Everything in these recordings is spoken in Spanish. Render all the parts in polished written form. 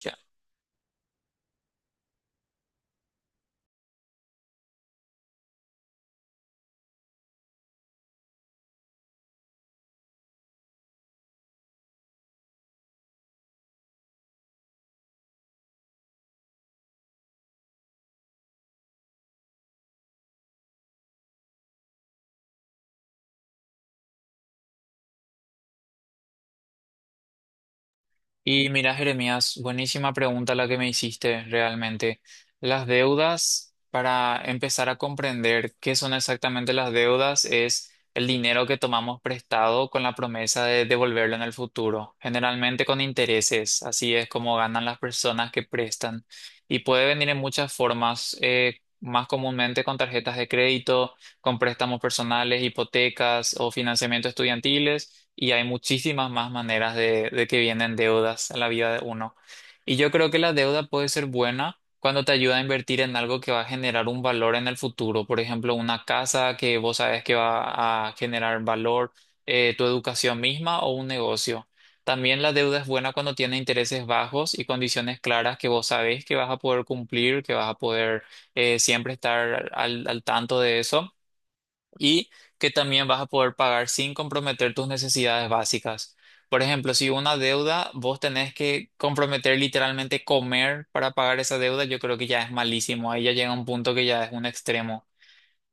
Ya. Y mira, Jeremías, buenísima pregunta la que me hiciste realmente. Las deudas, para empezar a comprender qué son exactamente las deudas, es el dinero que tomamos prestado con la promesa de devolverlo en el futuro, generalmente con intereses. Así es como ganan las personas que prestan. Y puede venir en muchas formas, más comúnmente con tarjetas de crédito, con préstamos personales, hipotecas o financiamiento estudiantiles. Y hay muchísimas más maneras de que vienen deudas a la vida de uno. Y yo creo que la deuda puede ser buena cuando te ayuda a invertir en algo que va a generar un valor en el futuro. Por ejemplo, una casa que vos sabes que va a generar valor, tu educación misma o un negocio. También la deuda es buena cuando tiene intereses bajos y condiciones claras que vos sabés que vas a poder cumplir, que vas a poder siempre estar al tanto de eso y que también vas a poder pagar sin comprometer tus necesidades básicas. Por ejemplo, si una deuda, vos tenés que comprometer literalmente comer para pagar esa deuda, yo creo que ya es malísimo. Ahí ya llega un punto que ya es un extremo.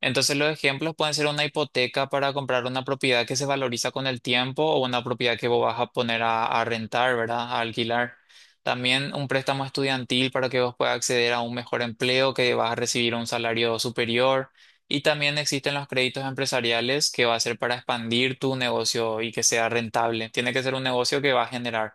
Entonces los ejemplos pueden ser una hipoteca para comprar una propiedad que se valoriza con el tiempo o una propiedad que vos vas a poner a rentar, ¿verdad? A alquilar. También un préstamo estudiantil para que vos puedas acceder a un mejor empleo, que vas a recibir un salario superior. Y también existen los créditos empresariales que va a ser para expandir tu negocio y que sea rentable. Tiene que ser un negocio que va a generar.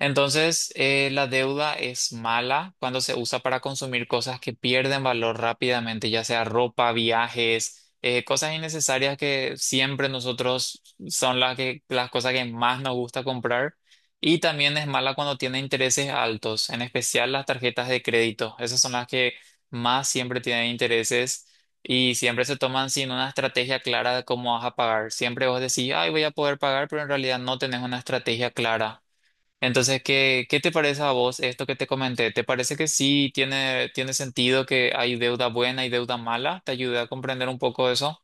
Entonces, la deuda es mala cuando se usa para consumir cosas que pierden valor rápidamente, ya sea ropa, viajes, cosas innecesarias que siempre nosotros son las que, las cosas que más nos gusta comprar. Y también es mala cuando tiene intereses altos, en especial las tarjetas de crédito. Esas son las que más siempre tienen intereses y siempre se toman sin una estrategia clara de cómo vas a pagar. Siempre vos decís, ay, voy a poder pagar, pero en realidad no tenés una estrategia clara. Entonces, ¿qué te parece a vos esto que te comenté? ¿Te parece que sí tiene sentido que hay deuda buena y deuda mala? ¿Te ayuda a comprender un poco eso?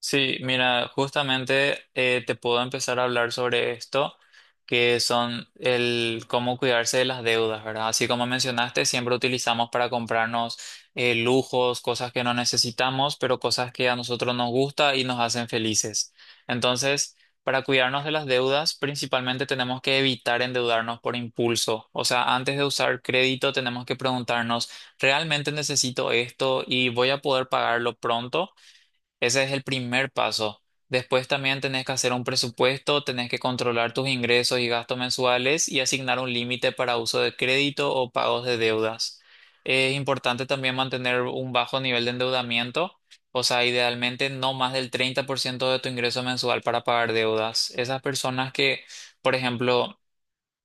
Sí, mira, justamente te puedo empezar a hablar sobre esto, que son el cómo cuidarse de las deudas, ¿verdad? Así como mencionaste, siempre utilizamos para comprarnos lujos, cosas que no necesitamos, pero cosas que a nosotros nos gusta y nos hacen felices. Entonces, para cuidarnos de las deudas, principalmente tenemos que evitar endeudarnos por impulso. O sea, antes de usar crédito, tenemos que preguntarnos, ¿realmente necesito esto y voy a poder pagarlo pronto? Ese es el primer paso. Después también tenés que hacer un presupuesto, tenés que controlar tus ingresos y gastos mensuales y asignar un límite para uso de crédito o pagos de deudas. Es importante también mantener un bajo nivel de endeudamiento, o sea, idealmente no más del 30% de tu ingreso mensual para pagar deudas. Esas personas que, por ejemplo,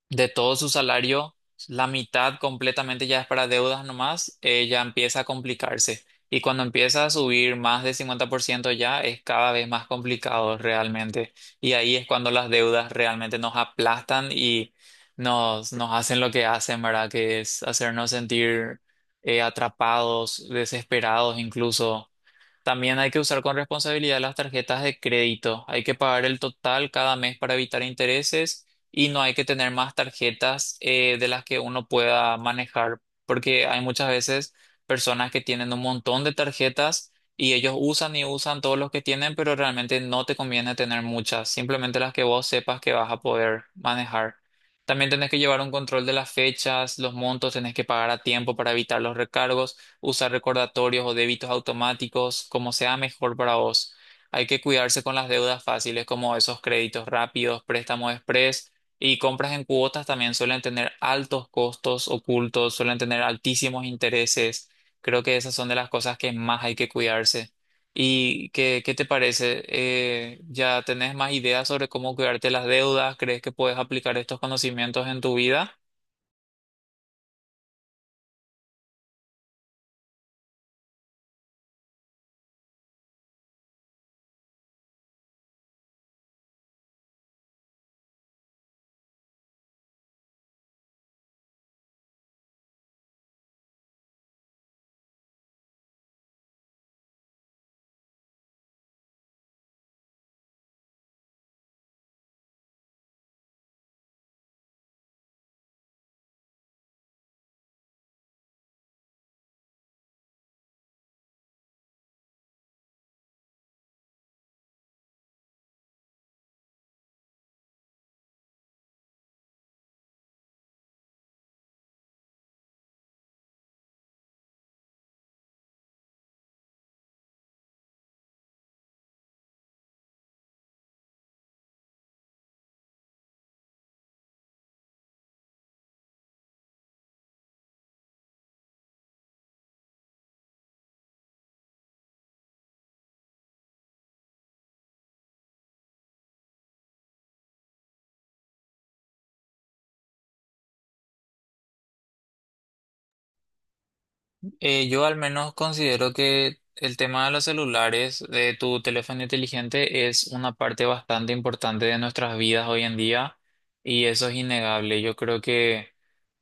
de todo su salario, la mitad completamente ya es para deudas nomás, ya empieza a complicarse. Y cuando empieza a subir más de 50% ya es cada vez más complicado realmente. Y ahí es cuando las deudas realmente nos aplastan y nos hacen lo que hacen, ¿verdad? Que es hacernos sentir atrapados, desesperados incluso. También hay que usar con responsabilidad las tarjetas de crédito. Hay que pagar el total cada mes para evitar intereses y no hay que tener más tarjetas de las que uno pueda manejar, porque hay muchas veces personas que tienen un montón de tarjetas y ellos usan y usan todos los que tienen, pero realmente no te conviene tener muchas, simplemente las que vos sepas que vas a poder manejar. También tenés que llevar un control de las fechas, los montos, tenés que pagar a tiempo para evitar los recargos, usar recordatorios o débitos automáticos, como sea mejor para vos. Hay que cuidarse con las deudas fáciles como esos créditos rápidos, préstamos express y compras en cuotas también suelen tener altos costos ocultos, suelen tener altísimos intereses. Creo que esas son de las cosas que más hay que cuidarse. ¿Y qué te parece? ¿Ya tenés más ideas sobre cómo cuidarte las deudas? ¿Crees que puedes aplicar estos conocimientos en tu vida? Yo al menos considero que el tema de los celulares, de tu teléfono inteligente, es una parte bastante importante de nuestras vidas hoy en día y eso es innegable. Yo creo que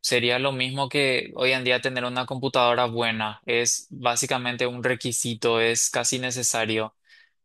sería lo mismo que hoy en día tener una computadora buena. Es básicamente un requisito, es casi necesario.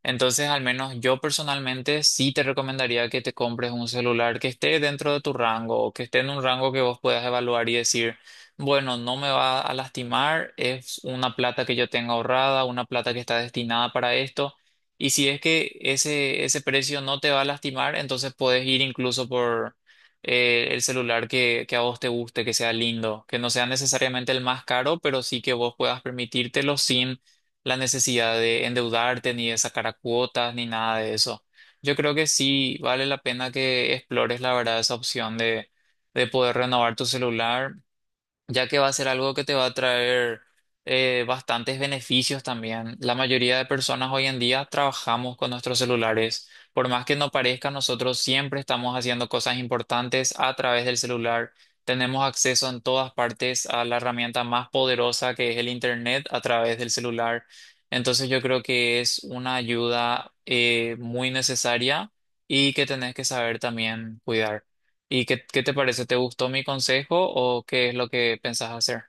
Entonces, al menos yo personalmente sí te recomendaría que te compres un celular que esté dentro de tu rango o que esté en un rango que vos puedas evaluar y decir. Bueno, no me va a lastimar, es una plata que yo tengo ahorrada, una plata que está destinada para esto. Y si es que ese precio no te va a lastimar, entonces puedes ir incluso por el celular que a vos te guste, que sea lindo, que no sea necesariamente el más caro, pero sí que vos puedas permitírtelo sin la necesidad de endeudarte, ni de sacar a cuotas, ni nada de eso. Yo creo que sí vale la pena que explores la verdad esa opción de poder renovar tu celular ya que va a ser algo que te va a traer bastantes beneficios también. La mayoría de personas hoy en día trabajamos con nuestros celulares. Por más que no parezca, nosotros siempre estamos haciendo cosas importantes a través del celular. Tenemos acceso en todas partes a la herramienta más poderosa que es el Internet a través del celular. Entonces yo creo que es una ayuda muy necesaria y que tenés que saber también cuidar. ¿Y qué te parece? ¿Te gustó mi consejo o qué es lo que pensás hacer?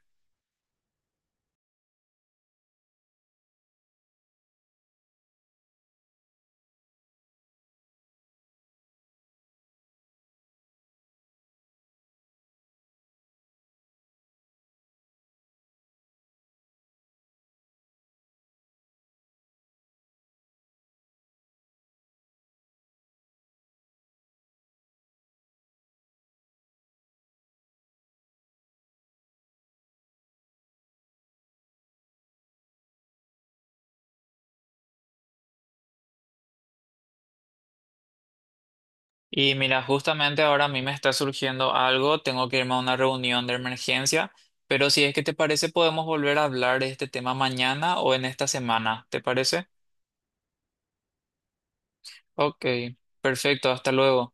Y mira, justamente ahora a mí me está surgiendo algo, tengo que irme a una reunión de emergencia, pero si es que te parece podemos volver a hablar de este tema mañana o en esta semana, ¿te parece? Ok, perfecto, hasta luego.